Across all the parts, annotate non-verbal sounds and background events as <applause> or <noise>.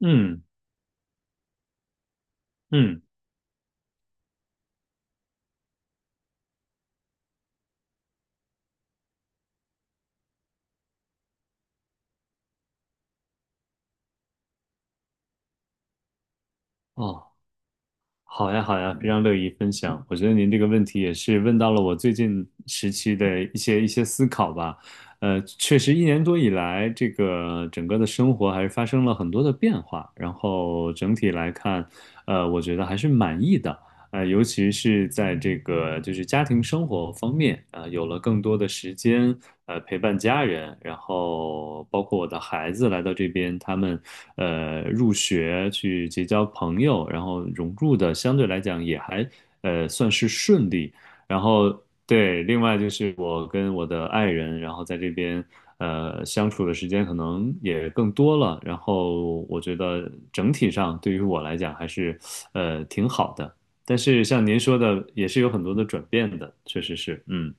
嗯嗯，哦，好呀好呀，非常乐意分享。我觉得您这个问题也是问到了我最近时期的一些思考吧。确实一年多以来，这个整个的生活还是发生了很多的变化，然后整体来看，我觉得还是满意的。尤其是在这个就是家庭生活方面，啊、有了更多的时间，陪伴家人，然后包括我的孩子来到这边，他们入学去结交朋友，然后融入的相对来讲也还算是顺利。然后对，另外就是我跟我的爱人，然后在这边相处的时间可能也更多了，然后我觉得整体上对于我来讲还是挺好的。但是像您说的，也是有很多的转变的，确实是，嗯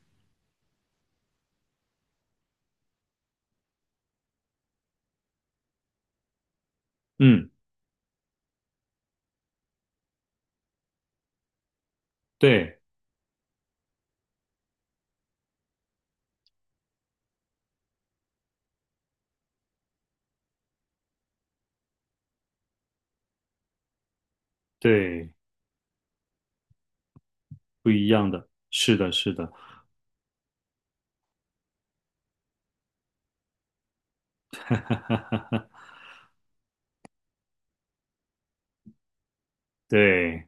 嗯，对对，不一样的，是的，是的，对。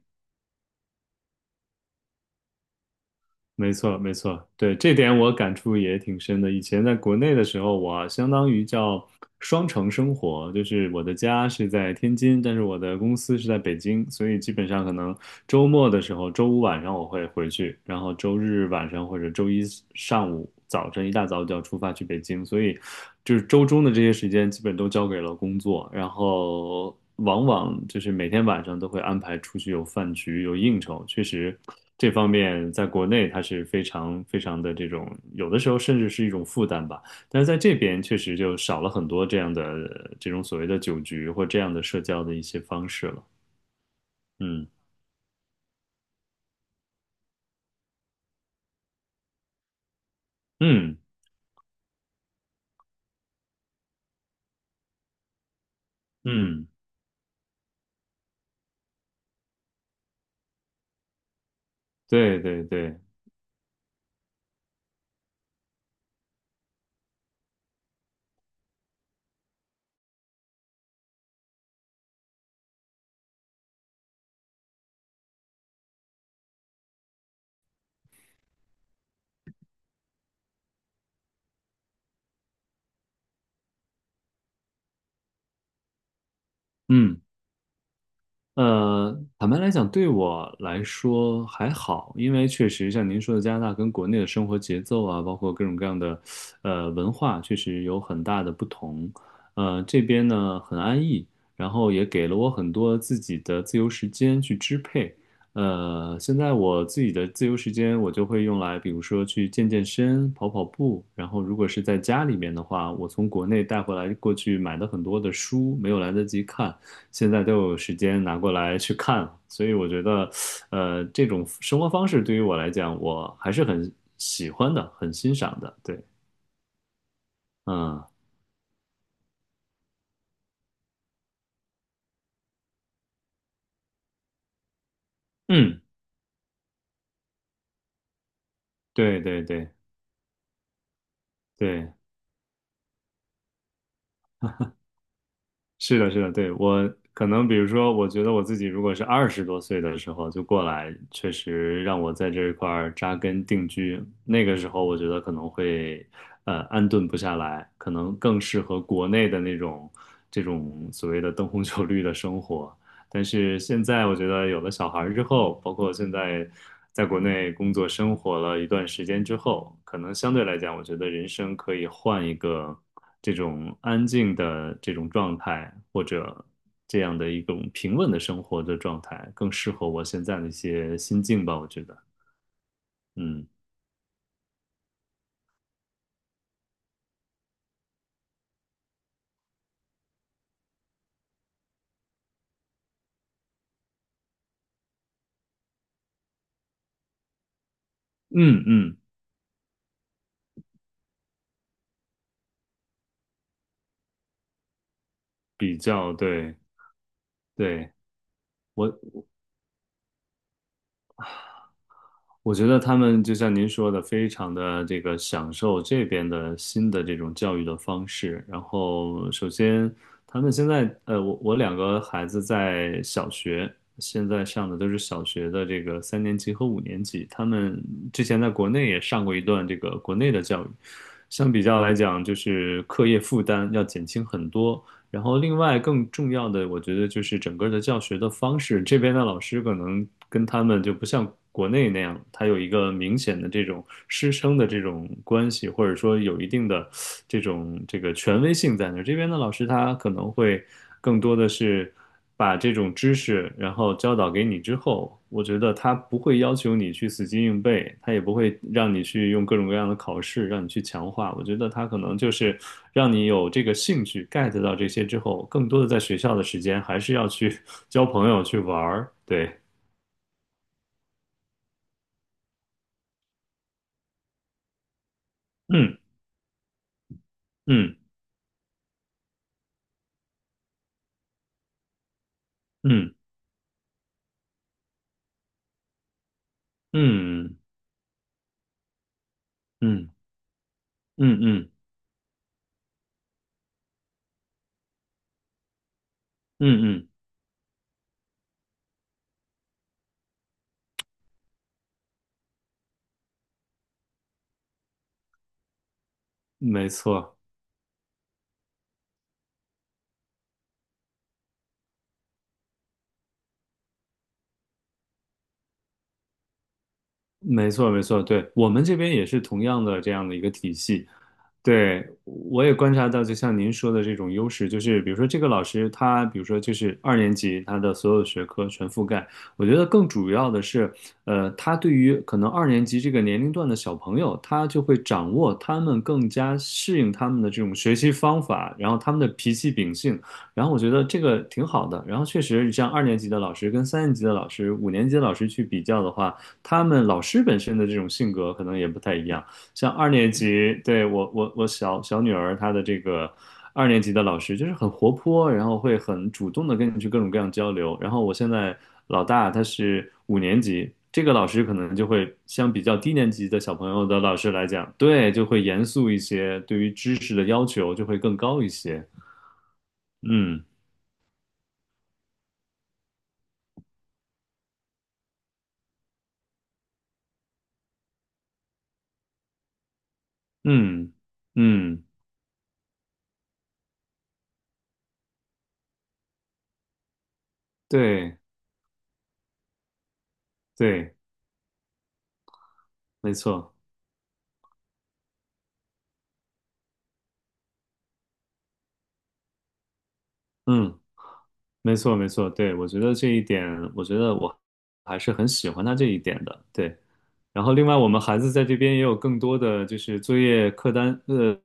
没错，没错，对，这点我感触也挺深的。以前在国内的时候，我相当于叫双城生活，就是我的家是在天津，但是我的公司是在北京，所以基本上可能周末的时候，周五晚上我会回去，然后周日晚上或者周一上午、早晨一大早就要出发去北京，所以就是周中的这些时间基本都交给了工作，然后往往就是每天晚上都会安排出去有饭局、有应酬，确实。这方面在国内它是非常非常的这种，有的时候甚至是一种负担吧。但是在这边确实就少了很多这样的这种所谓的酒局或这样的社交的一些方式了。嗯嗯嗯，对对对，嗯。坦白来讲，对我来说还好，因为确实像您说的，加拿大跟国内的生活节奏啊，包括各种各样的文化，确实有很大的不同。这边呢很安逸，然后也给了我很多自己的自由时间去支配。现在我自己的自由时间，我就会用来，比如说去健健身、跑跑步。然后，如果是在家里面的话，我从国内带回来过去买的很多的书，没有来得及看。现在都有时间拿过来去看了所以我觉得，这种生活方式对于我来讲，我还是很喜欢的，很欣赏的。对，嗯嗯，对对对对。是的，是的，对，我可能比如说，我觉得我自己如果是二十多岁的时候就过来，确实让我在这一块儿扎根定居。那个时候，我觉得可能会安顿不下来，可能更适合国内的那种这种所谓的灯红酒绿的生活。但是现在，我觉得有了小孩儿之后，包括现在在国内工作生活了一段时间之后，可能相对来讲，我觉得人生可以换一个。这种安静的这种状态，或者这样的一种平稳的生活的状态，更适合我现在的一些心境吧，我觉得，嗯嗯嗯，比较对对，我我觉得他们就像您说的，非常的这个享受这边的新的这种教育的方式。然后，首先他们现在，我两个孩子在小学，现在上的都是小学的这个三年级和五年级。他们之前在国内也上过一段这个国内的教育，相比较来讲，就是课业负担要减轻很多。然后另外更重要的，我觉得就是整个的教学的方式，这边的老师可能跟他们就不像国内那样，他有一个明显的这种师生的这种关系，或者说有一定的这种这个权威性在那儿。这边的老师他可能会更多的是。把这种知识然后教导给你之后，我觉得他不会要求你去死记硬背，他也不会让你去用各种各样的考试让你去强化。我觉得他可能就是让你有这个兴趣 get 到这些之后，更多的在学校的时间还是要去 <laughs> 交朋友去玩儿。对，嗯嗯嗯嗯嗯嗯嗯嗯嗯，嗯没错。没错，没错，对，我们这边也是同样的这样的一个体系。对，我也观察到，就像您说的这种优势，就是比如说这个老师他，比如说就是二年级，他的所有学科全覆盖。我觉得更主要的是，他对于可能二年级这个年龄段的小朋友，他就会掌握他们更加适应他们的这种学习方法，然后他们的脾气秉性，然后我觉得这个挺好的。然后确实，像二年级的老师跟三年级的老师、五年级的老师去比较的话，他们老师本身的这种性格可能也不太一样。像二年级，对，我小女儿她的这个二年级的老师就是很活泼，然后会很主动的跟你去各种各样交流。然后我现在老大他是五年级，这个老师可能就会相比较低年级的小朋友的老师来讲，对，就会严肃一些，对于知识的要求就会更高一些。嗯嗯嗯，对对，没错，嗯。没错，没错，对，我觉得这一点，我觉得我还是很喜欢他这一点的，对。然后，另外我们孩子在这边也有更多的就是作业课单，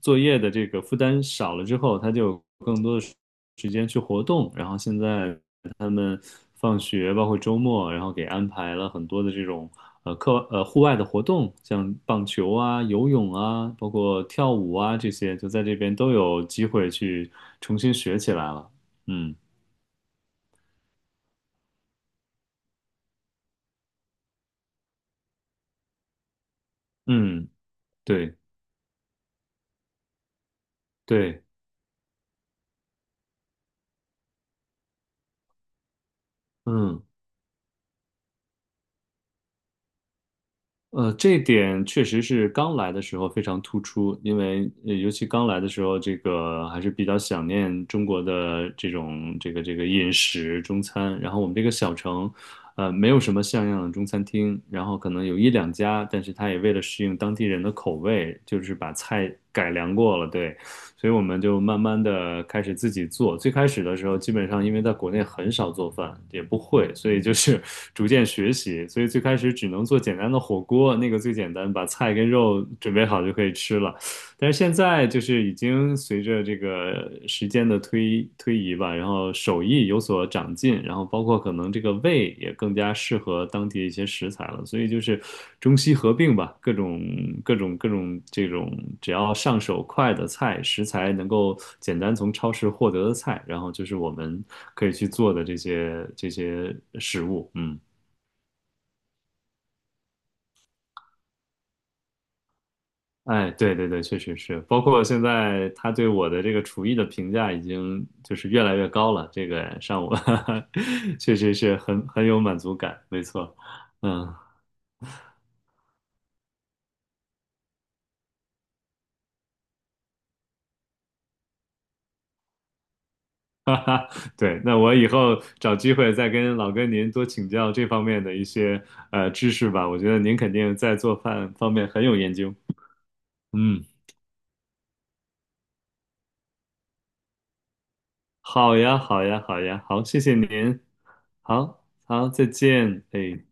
作业的这个负担少了之后，他就有更多的时间去活动。然后现在他们放学，包括周末，然后给安排了很多的这种呃课呃户外的活动，像棒球啊、游泳啊，包括跳舞啊这些，就在这边都有机会去重新学起来了。嗯。嗯，对对，嗯这点确实是刚来的时候非常突出，因为尤其刚来的时候，这个还是比较想念中国的这种这个饮食中餐。然后我们这个小城，没有什么像样的中餐厅，然后可能有一两家，但是他也为了适应当地人的口味，就是把菜改良过了，对。所以我们就慢慢的开始自己做。最开始的时候，基本上因为在国内很少做饭，也不会，所以就是 <laughs> 逐渐学习。所以最开始只能做简单的火锅，那个最简单，把菜跟肉准备好就可以吃了。但是现在就是已经随着这个时间的推移吧，然后手艺有所长进，然后包括可能这个味也更加适合当地一些食材了，所以就是中西合并吧，各种这种只要上手快的菜，食材能够简单从超市获得的菜，然后就是我们可以去做的这些食物，嗯。哎，对对对，确实是，包括现在他对我的这个厨艺的评价已经就是越来越高了，这个上午 <laughs> 确实是很有满足感，没错，嗯，<laughs> 哈哈，对，那我以后找机会再跟老哥您多请教这方面的一些知识吧，我觉得您肯定在做饭方面很有研究，嗯，好呀，好呀，好呀，好，谢谢您，好好，再见，哎。